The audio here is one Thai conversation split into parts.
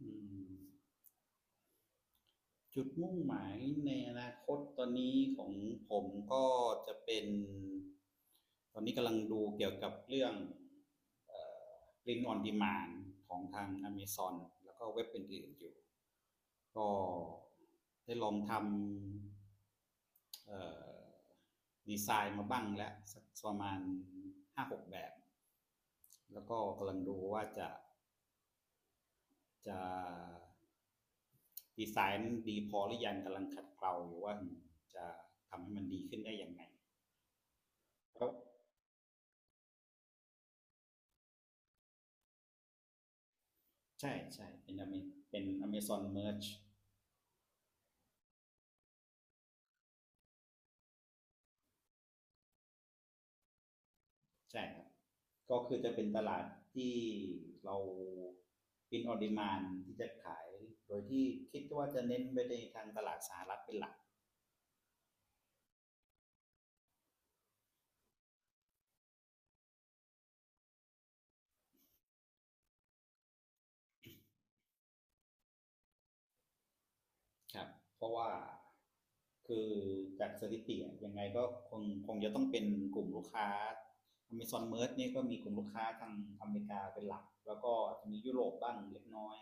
อืมจุดมุ่งหมายในอนาคตตอนนี้ของผมก็จะเป็นตอนนี้กำลังดูเกี่ยวกับเรื่องเอ่อ Print on Demand ของทาง Amazon แล้วก็เว็บอื่นๆอยู่ก็ได้ลองทำอดีไซน์มาบ้างแล้วสักประมาณห้าหกแบบแล้วก็กำลังดูว่าจะ ดีไซน์นั้นดีพอหรือยังกำลังขัดเกลาอยู่ว่าจะทำให้มันดีขึ้นได้อย่างไรก็ใช่ใช่เป็น เป็น Amazon Merch ใช่ครับก็คือจะเป็นตลาดที่เราเป็นออดิมานที่จะขายโดยที่คิดว่าจะเน้นไปในทางตลาดสหรัฐเป็นหลัก ครับเพราะว่าคือจากสถิติอยยังไงก็คงจะต้องเป็นกลุ่มลูกค้า Amazon Merch เนี่ยก็มีกลุ่มลูกค้าทางอเมริกาเป็นหลักแล้วก็จะมียุโรปบ้างเล็กน้อย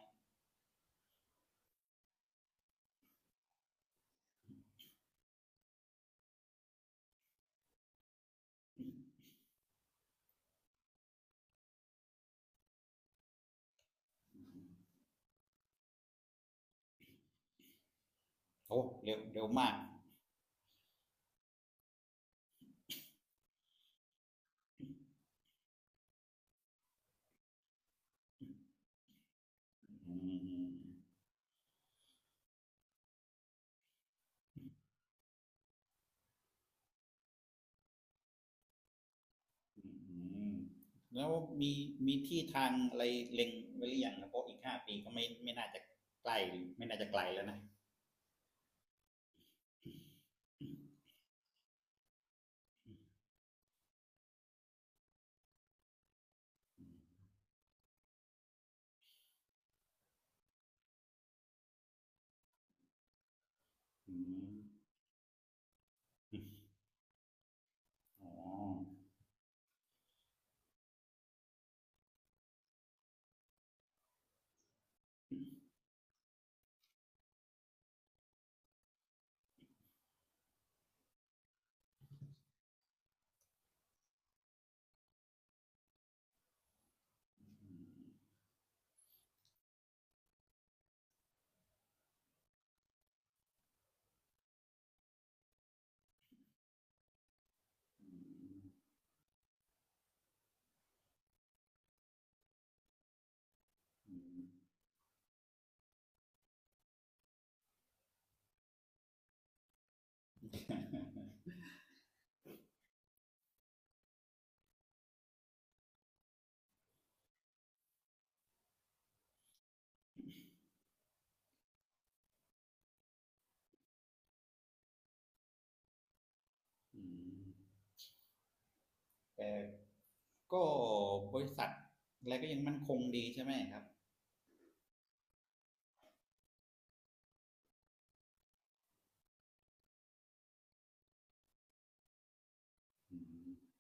โอ้เร็วเร็วมากอืมอืมแล้วมีมีที่ทางอะไรเล็งไว้หรือยังนะเพราะอีก5 ปีก็ไม่น่าจะใกล้ไม่น่าจะไกลแล้วนะอืมอ๋อออืมอืม แต่ก็บริษัทอะไรก็ยังมั่นคงดีใช่ไหมครับอืม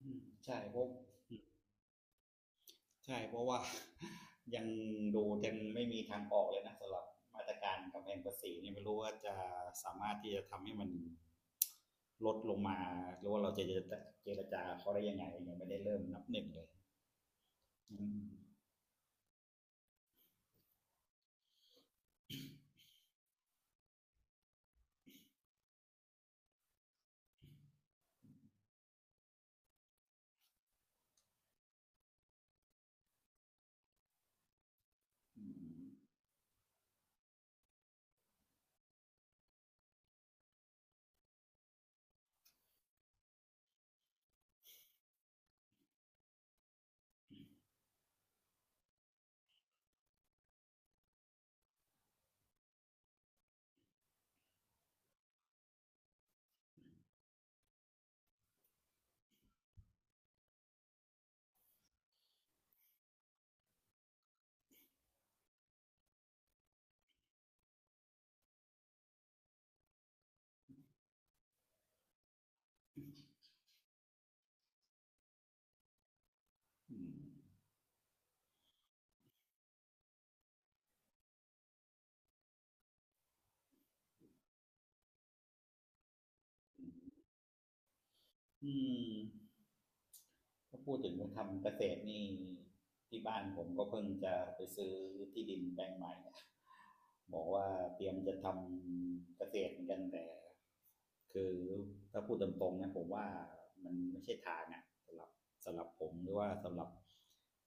อืมใช่เพราะ ใช่เพราะว่า ยังดูยังไม่มีทางออกเลยนะสำหรับมาตรการกำแพงภาษีเนี่ยไม่รู้ว่าจะสามารถที่จะทำให้มันลดลงมาหรือว่าเราจะเจรจาเขาได้ยังไงยังไม่ได้เริ่มนับหนึ่งเลยอืมอืมอืมอืม ถ้าพูดถึงทำเกษตรนี่ที่บ้านผมก็เพิ่งจะไปซื้อที่ดินแปลงใหม่นะบอกว่าเตรียมจะทำเกษตรเหมือนกันแต่คือถ้าพูดตรงๆนะผมว่ามันไม่ใช่ทางอะสำหรับสำหรับผมหรือว่าสำหรับ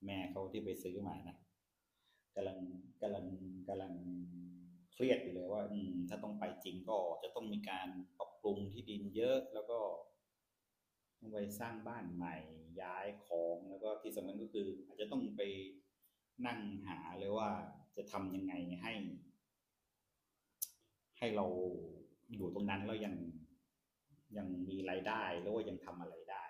แม่เขาที่ไปซื้อมานะกำลังกำลังกำลังเครียดอยู่เลยว่าอืมถ้าต้องไปจริงก็จะต้องมีการปรับปรุงที่ดินเยอะแล้วก็ ต้องไปสร้างบ้านใหม่ย้ายของแล้วก็ที่สำคัญก็คืออาจจะต้องไปนั่งหาเลยว่าจะทำยังไงให้ให้เราอยู่ตรงนั้นแล้วยังมีรายได้หรือว่ายังทำอะไรได้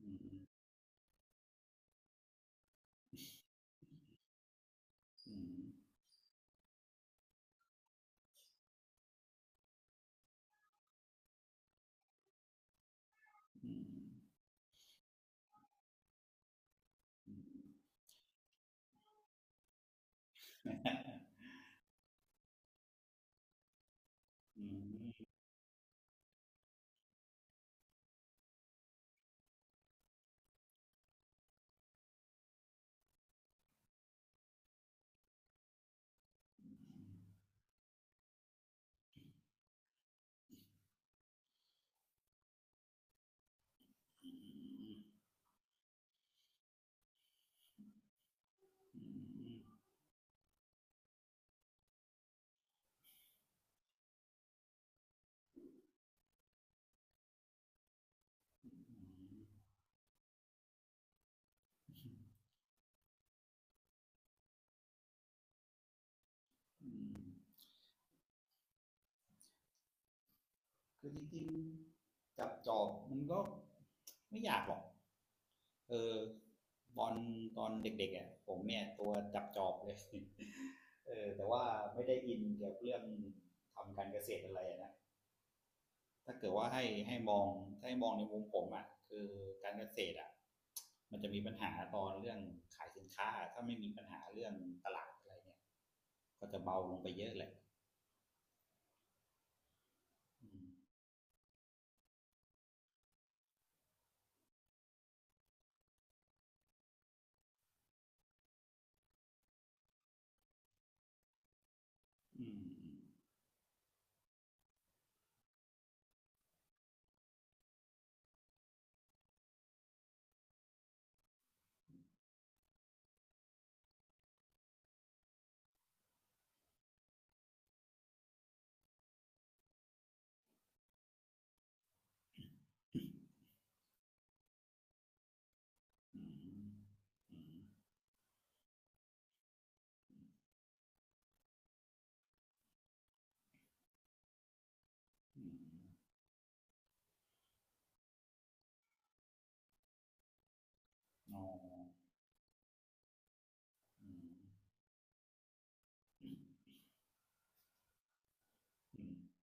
อืมอืมอืมอืมอืมอืมอืมอืม คือจริงๆจับจอบมันก็ไม่อยากหรอกเออตอนตอนเด็กๆอ่ะผมเนี่ยตัวจับจอบเลย เออแต่ว่าไม่ได้อินเกี่ยวกับเรื่องทำการเกษตรอะไรนะถ้าเกิดว่าให้มองถ้าให้มองในมุมผมอ่ะคือการเกษตรอ่ะมันจะมีปัญหาตอนเรื่องขายสินค้าถ้าไม่มีปัญหาเรื่องตลาดอะไรเนี่ยก็จะเบาลงไปเยอะเลยอืมอืมอืมอืมอืม อ๋ออืมอืม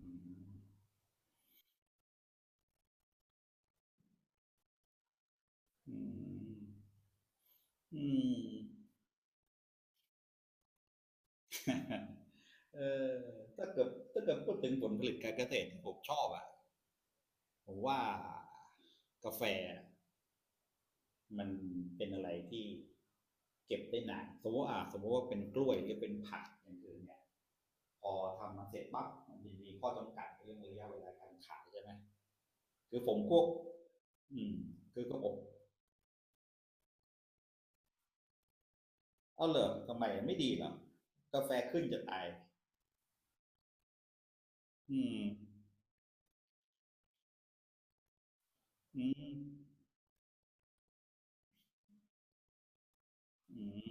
อืมอืมอืมอืม อืมเออถ้าเกิดพูดถึงผลผลิตการเกษตรเนี่ยผมชอบอ่ะผมว่ากาแฟมันเป็นอะไรที่เก็บได้นานสมมติว่าอ่ะสมมติว่าเป็นกล้วยหรือเป็นผักอย่างอื่นเนี่ยพอทำมาเสร็จปั๊บมันจะมีข้อจำกัดเรื่องระยะเวลาการขายใช่ไหมคือผมพวกอืมคือก็ผม เอาเหรอทำไมไม่ดีเหรอกาแฟขึ้นจะตายอืมอืมอืม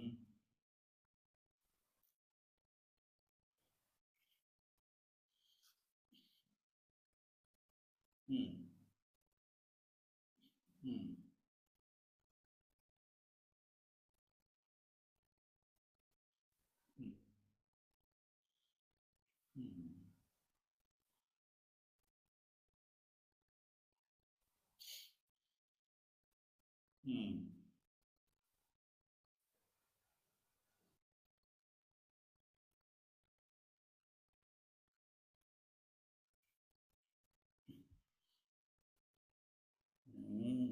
อืมอืมอืมอืมอืมอืม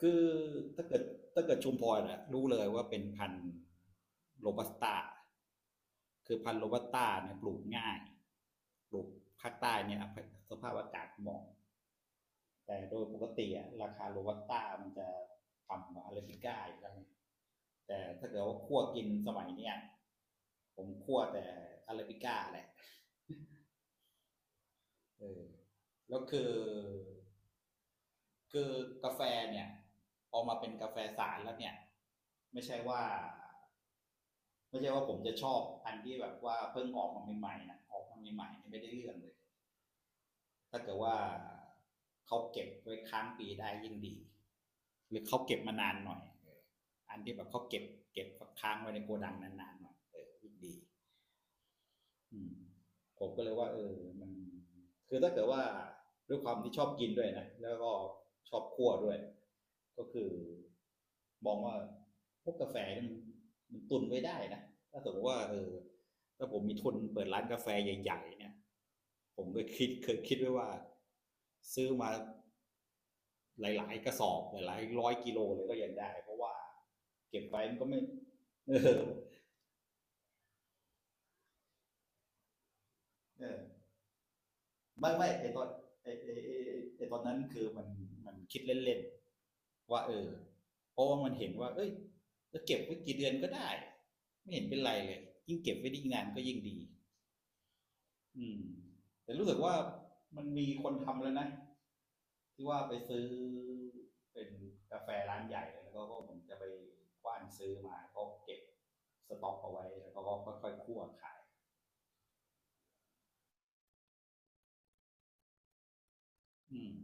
คือถ้าเกิดถ้าเกิดชุมพรนะรู้เลยว่าเป็นพันธุ์โรบัสต้าคือพันธุ์โรบัสต้าเนี่ยปลูกง่ายปลูกภาคใต้เนี่ยสภาพอากาศเหมาะ แต่โดยปกติอะราคาโรบัสต้ามันจะต่ำกว่าอาราบิก้าอยู่แล้วแต่ถ้าเกิดว่าคั่วกินสมัยเนี้ยผมคั่วแต่อาราบิก้าแหละเออแล้วคือคือกาแฟเนี่ยพอมาเป็นกาแฟสารแล้วเนี่ยไม่ใช่ว่าไม่ใช่ว่าผมจะชอบอันที่แบบว่าเพิ่งออกมาใหม่ๆนะออกมาใหม่ๆนี่ไม่ได้เรื่องเลยถ้าเกิดว่าเขาเก็บไว้ค้างปีได้ยิ่งดี หรือเขาเก็บมานานหน่อย อันที่แบบเขาเก็บเก็บค้างไว้ในโกดังนานๆหน่อยเออดีผมก็เลยว่าเออมันคือถ้าเกิดว่าด้วยความที่ชอบกินด้วยนะแล้วก็ชอบคั่วด้วย ก็คือมองว่าพวกกาแฟมันมันตุนไว้ได้นะถ้าสมมติว่าเออถ้าผมมีทุนเปิดร้านกาแฟใหญ่ๆเนี่ยผมเคยคิดไว้ว่าซื้อมา หลายๆกระสอบหลายร้อยกิโลเลยก็ยังได้เพราะว่าเก็บไว้มันก็ไม่ เออเออไม่ไม่ไอตอนไอไอไอ้ไอ้ตอนนั้นคือมันมันคิดเล่นๆว่าเออเพราะว่ามันเห็นว่าเอ้ยจะเก็บไว้กี่เดือนก็ได้ไม่เห็นเป็นไรเลยยิ่งเก็บไว้ได้ยิ่งนานก็ยิ่งดี อืมแต่รู้สึกว่ามันมีคนทำแล้วนะที่ว่าไปซื้อเป็นกาแฟร้านใหญ่แล้วก็ผมจะไปกว้านซื้อมาก็เก็บสต็อกเอาไว้แล้วก็ค่อยๆคั่วขายอืม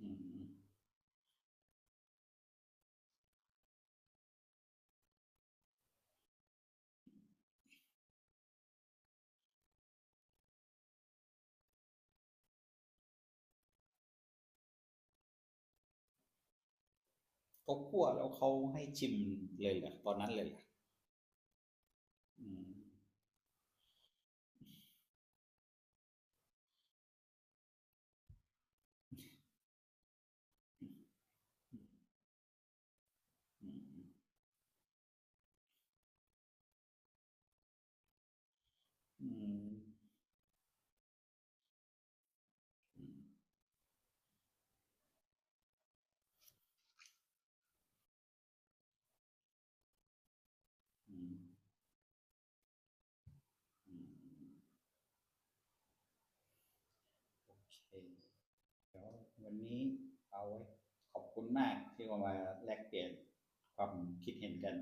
อืมเขาคั่วแล้วเขาให้ชิมเลยเหรอตอนนั้นเลยเหรออืมอืมอืมอืมอืมอืม โอเคเดี๋ยววันนี้เอาไว้ขอบคุณมากที่มาแลกเปลี่ยนความคิดเห็นกัน